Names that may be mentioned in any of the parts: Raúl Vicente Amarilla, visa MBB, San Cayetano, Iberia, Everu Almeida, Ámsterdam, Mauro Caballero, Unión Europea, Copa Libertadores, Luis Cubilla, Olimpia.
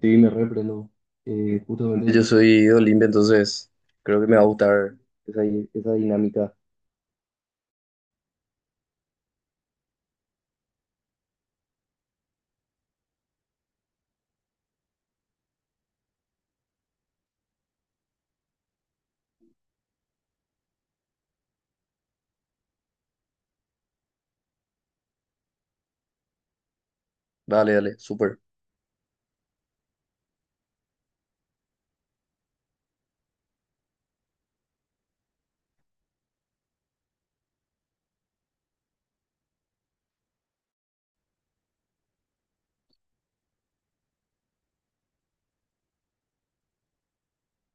Sí, me reprendo. Justamente yo soy, entonces creo que me va a gustar esa, esa dinámica. Dale, dale, súper.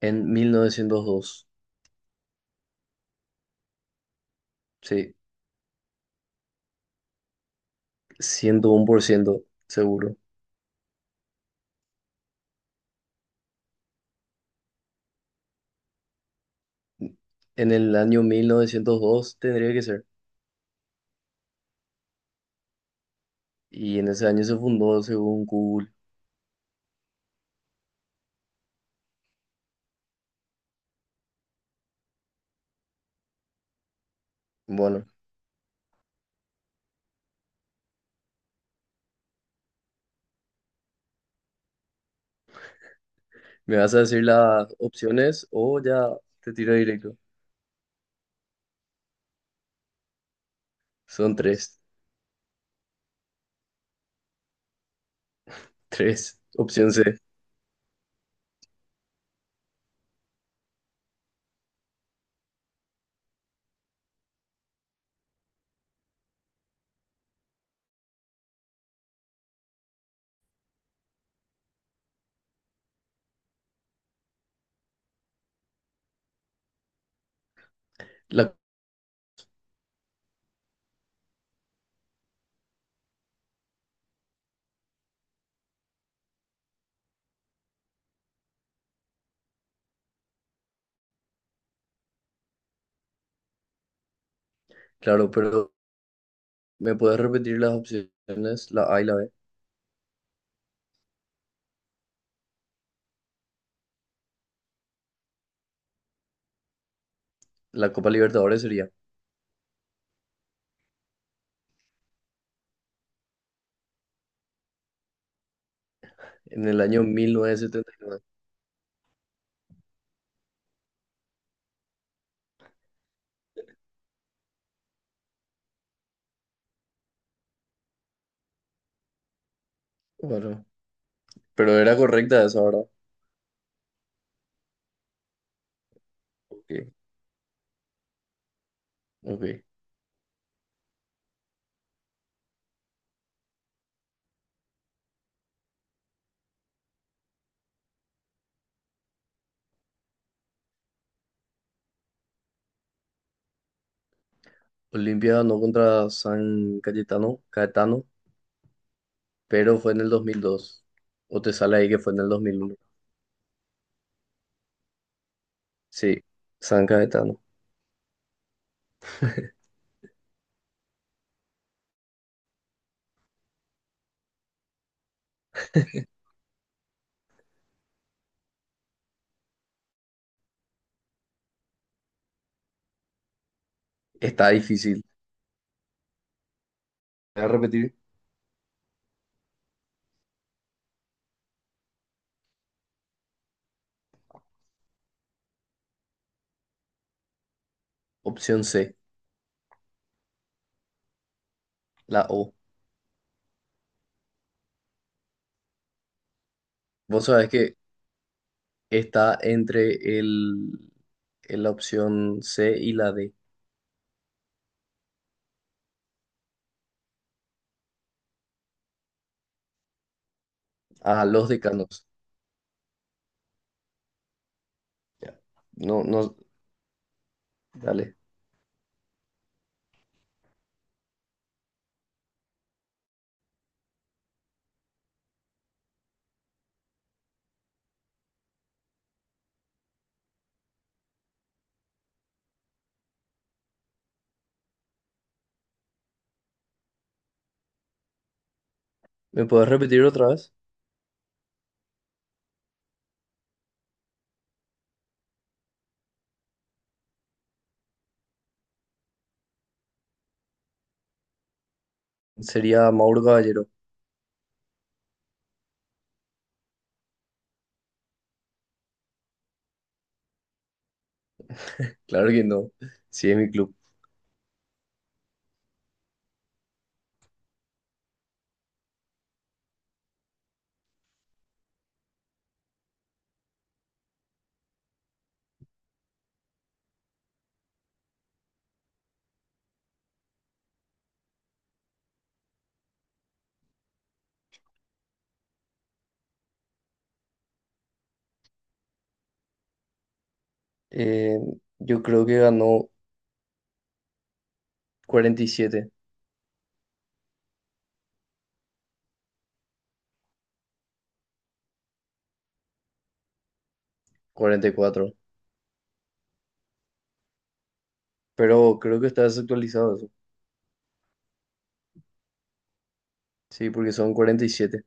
En 1902. Sí, 101% seguro. En el año 1902 tendría que ser. Y en ese año se fundó según Google. Bueno, ¿me vas a decir las opciones o ya te tiro directo? Son tres. Tres. Opción C. La, claro, pero ¿me puedes repetir las opciones? La A y la B. La Copa Libertadores sería. En el año 1979. Claro, pero era correcta esa, ¿verdad? Ok, ok. Olimpia ganó contra San Cayetano, Caetano, pero fue en el 2002. O te sale ahí que fue en el 2001. Sí, San Cayetano. Está difícil. Voy a repetir. Opción C, la O. Vos sabés que está entre la opción C y la D. Ah, los decanos. Ya. No, no, dale. ¿Me puedes repetir otra vez? Sería Mauro Caballero. Claro que no. Sí, es mi club. Eh, yo creo que ganó cuarenta y siete, 44. Pero creo que está desactualizado eso. Sí, porque son 47.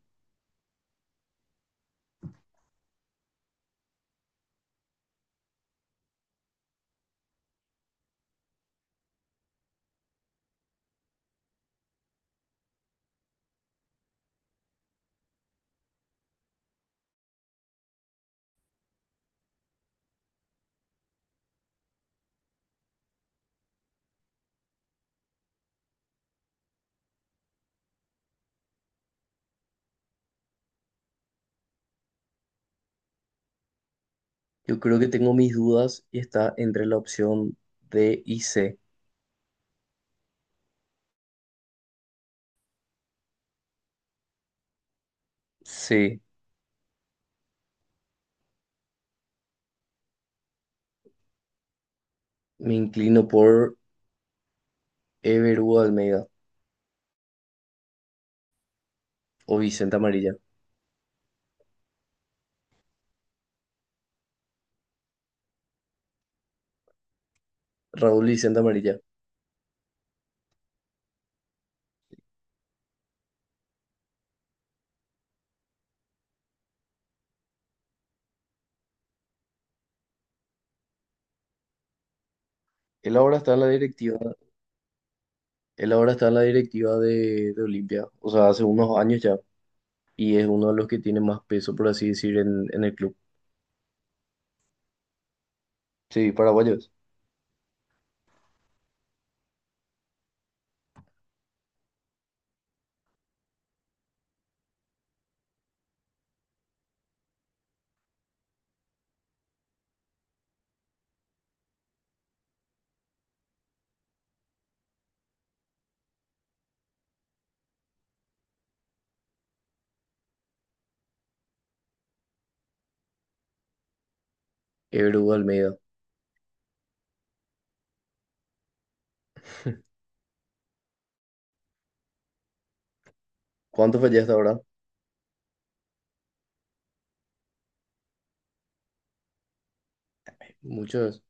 Yo creo que tengo mis dudas y está entre la opción D y C. Sí, me inclino por Everu Almeida o Vicente Amarilla. Raúl Vicente Amarilla. Él ahora está en la directiva, él ahora está en la directiva de Olimpia, o sea, hace unos años ya, y es uno de los que tiene más peso, por así decir, en el club. Sí, paraguayos. Qué Almeida. ¿Cuánto fallé hasta ahora? Muchos.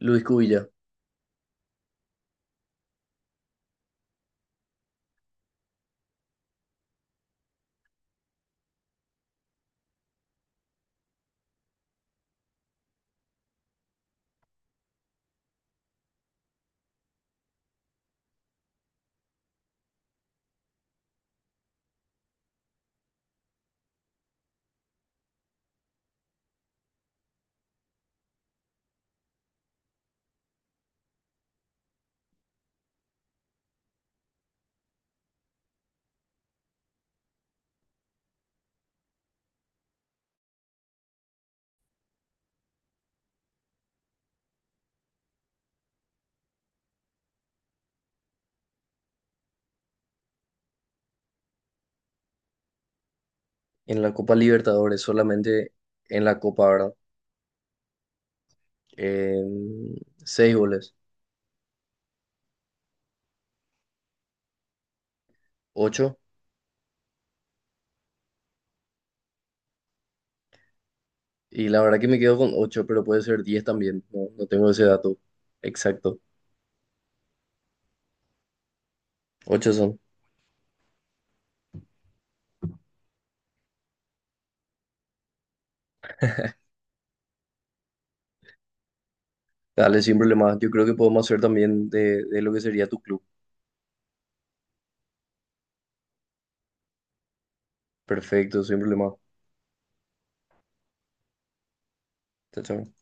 Luis Cubilla. En la Copa Libertadores, solamente en la Copa, ¿verdad? Em, Seis goles. Ocho. Y la verdad que me quedo con ocho, pero puede ser 10 también. No, no tengo ese dato exacto. Ocho son. Dale, sin problema. Yo creo que podemos hacer también de lo que sería tu club. Perfecto, sin problema. Chao, chao.